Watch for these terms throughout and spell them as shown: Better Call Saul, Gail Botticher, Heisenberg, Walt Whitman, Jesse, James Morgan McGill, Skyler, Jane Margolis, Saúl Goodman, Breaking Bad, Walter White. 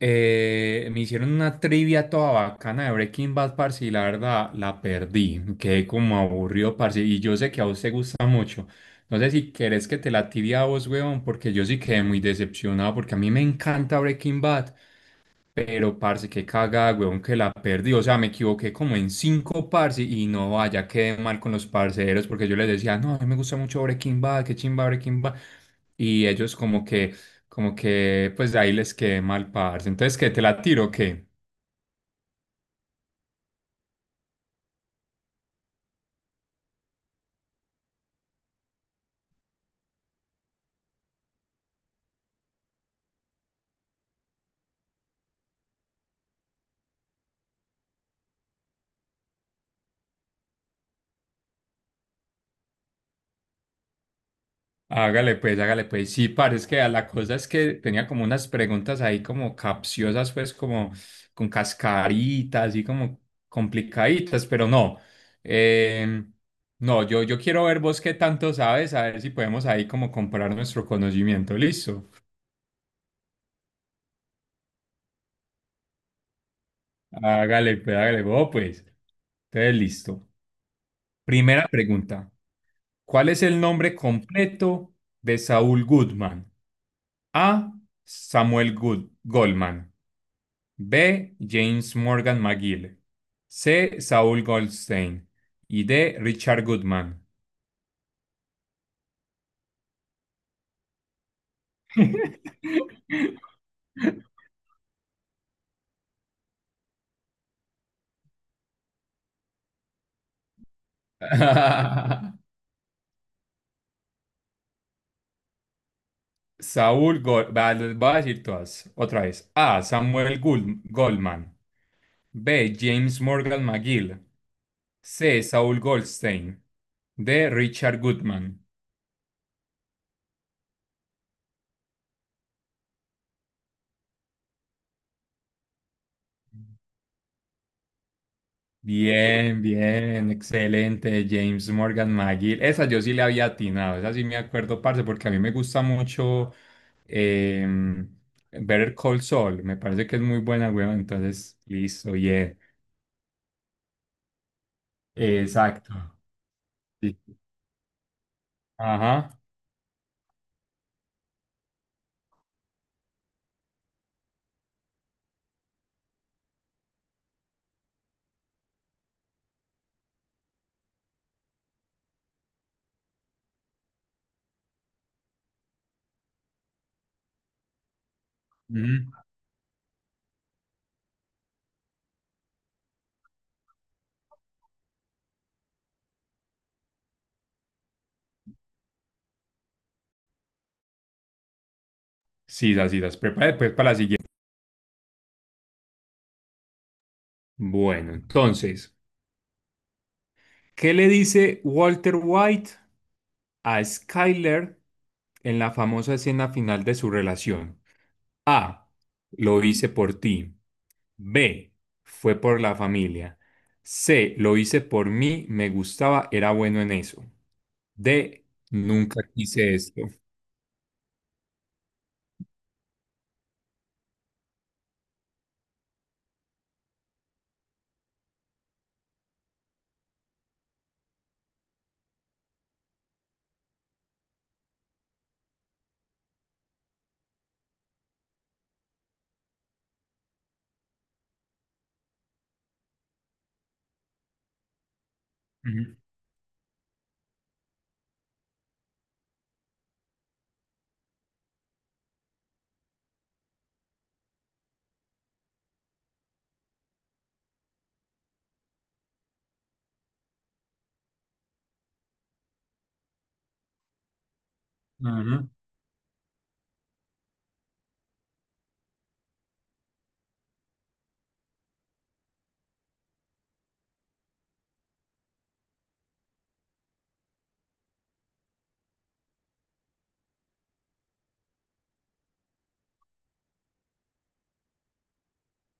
Me hicieron una trivia toda bacana de Breaking Bad, parce, y la verdad la perdí. Quedé como aburrido, parce, y yo sé que a vos te gusta mucho. No sé si querés que te la tibia a vos, weón, porque yo sí quedé muy decepcionado, porque a mí me encanta Breaking Bad, pero, parce, qué cagada, weón, que la perdí. O sea, me equivoqué como en cinco, parce, y no vaya, quedé mal con los parceros, porque yo les decía, no, a mí me gusta mucho Breaking Bad, qué chimba Breaking Bad. Y ellos como que, pues ahí les quedé mal, parce. Entonces, ¿qué? ¿Te la tiro o qué? Hágale pues, hágale pues. Sí, parece que a la cosa es que tenía como unas preguntas ahí como capciosas, pues como con cascaritas y como complicaditas, pero no. Eh, no, yo quiero ver vos qué tanto sabes, a ver si podemos ahí como comparar nuestro conocimiento. Listo. Hágale pues, hágale vos pues. Entonces, listo. Primera pregunta. ¿Cuál es el nombre completo de Saúl Goodman? A. Samuel Goldman. B. James Morgan McGill. C. Saul Goldstein. Y D. Richard Goodman. Voy a decir todas otra vez. A. Samuel Goldman. B. James Morgan McGill. C. Saul Goldstein. D. Richard Goodman. Bien, bien, excelente, James Morgan McGill. Esa yo sí le había atinado, esa sí me acuerdo, parce, porque a mí me gusta mucho. Eh, Better Call Saul, me parece que es muy buena, weón. Entonces, listo, yeah. Exacto. Sí. Ajá. Ujú. Sí, las preparé después para la siguiente. Bueno, entonces, ¿qué le dice Walter White a Skyler en la famosa escena final de su relación? A. Lo hice por ti. B. Fue por la familia. C. Lo hice por mí, me gustaba, era bueno en eso. D. Nunca quise esto. Ujú, ujú.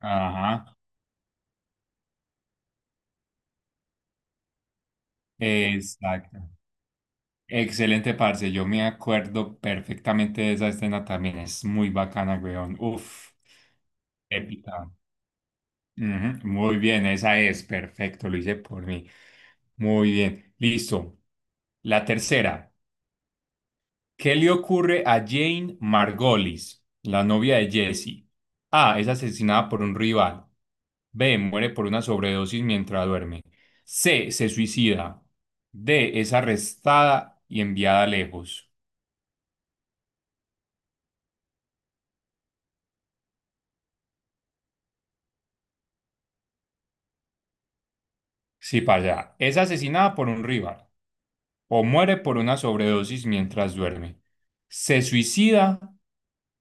Ajá, exacto. Excelente, parce. Yo me acuerdo perfectamente de esa escena también. Es muy bacana, weón. Uf. Épica. Ujú, muy bien, esa es. Perfecto, lo hice por mí. Muy bien. Listo. La tercera. ¿Qué le ocurre a Jane Margolis, la novia de Jesse? A. Es asesinada por un rival. B. Muere por una sobredosis mientras duerme. C. Se suicida. D. Es arrestada y enviada lejos. Sí, para allá. Es asesinada por un rival. O muere por una sobredosis mientras duerme. Se suicida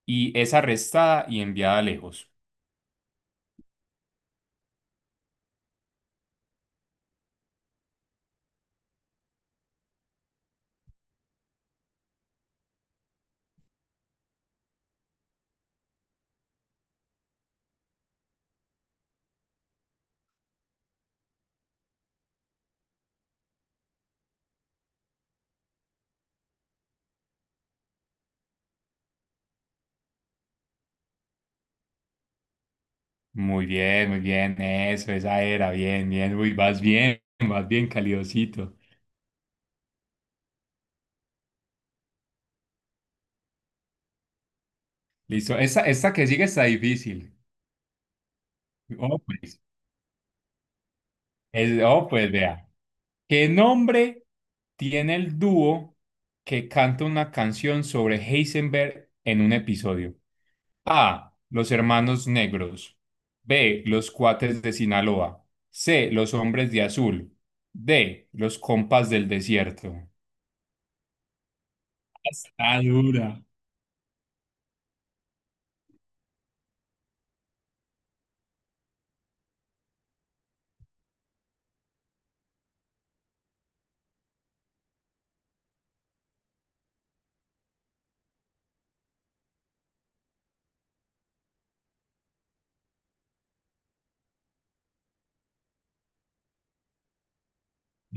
y es arrestada y enviada lejos. Muy bien, eso, esa era, bien, bien, uy, vas bien, vas bien, calidosito. Listo, esta que sigue está difícil. Oh, pues, pues vea. ¿Qué nombre tiene el dúo que canta una canción sobre Heisenberg en un episodio? A. Los hermanos negros. B. Los cuates de Sinaloa. C. Los hombres de azul. D. Los compas del desierto. Está dura.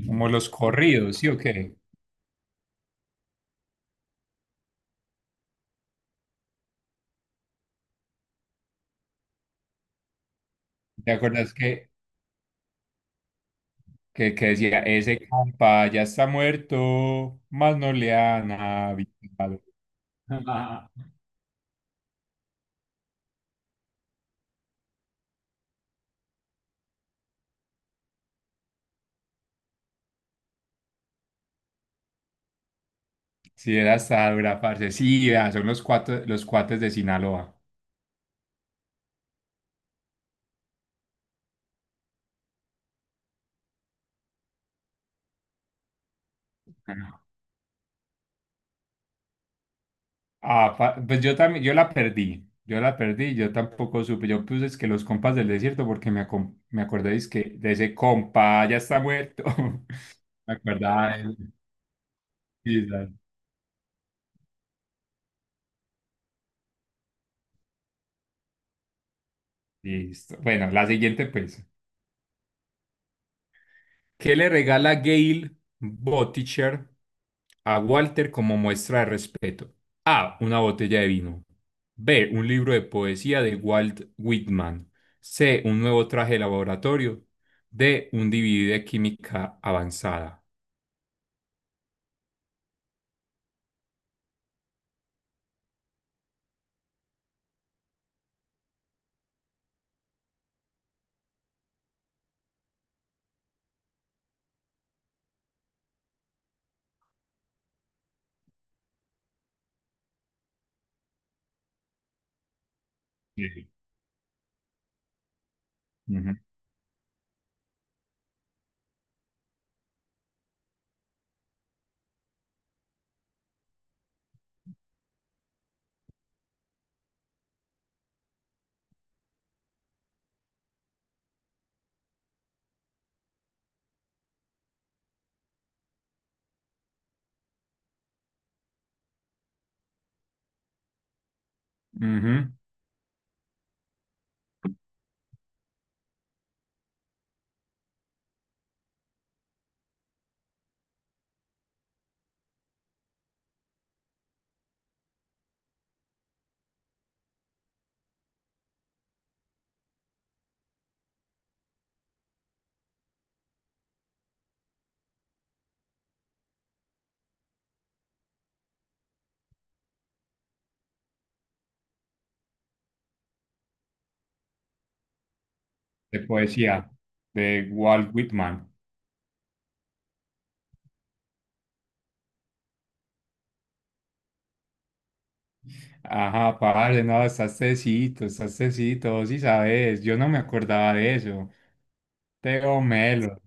Como los corridos, ¿sí o qué? ¿Te acuerdas que, que decía, ese compa ya está muerto, más no le han avisado? Sí, era hasta dura, parce. Sí, vea, son los cuates de Sinaloa. Ah, pues yo también, yo la perdí, yo la perdí, yo tampoco supe, yo puse es que los compas del desierto porque me, me acordé es que de ese compa ya está muerto, me acordaba de él. Sí, la- Listo. Bueno, la siguiente pues. ¿Qué le regala Gail Botticher a Walter como muestra de respeto? A. Una botella de vino. B. Un libro de poesía de Walt Whitman. C. Un nuevo traje de laboratorio. D. Un DVD de química avanzada. Sí. Ujú, ujú. De poesía, de Walt Whitman. Ajá, padre, no, estás tecito, vos sí sabes, yo no me acordaba de eso. Teo Melo.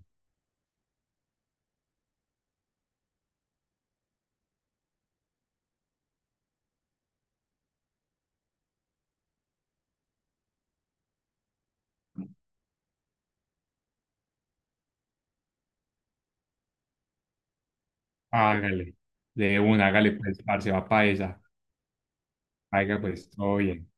Hágale, de una, hágale pues, parce, va pa' esa. Hágale pues, todo bien.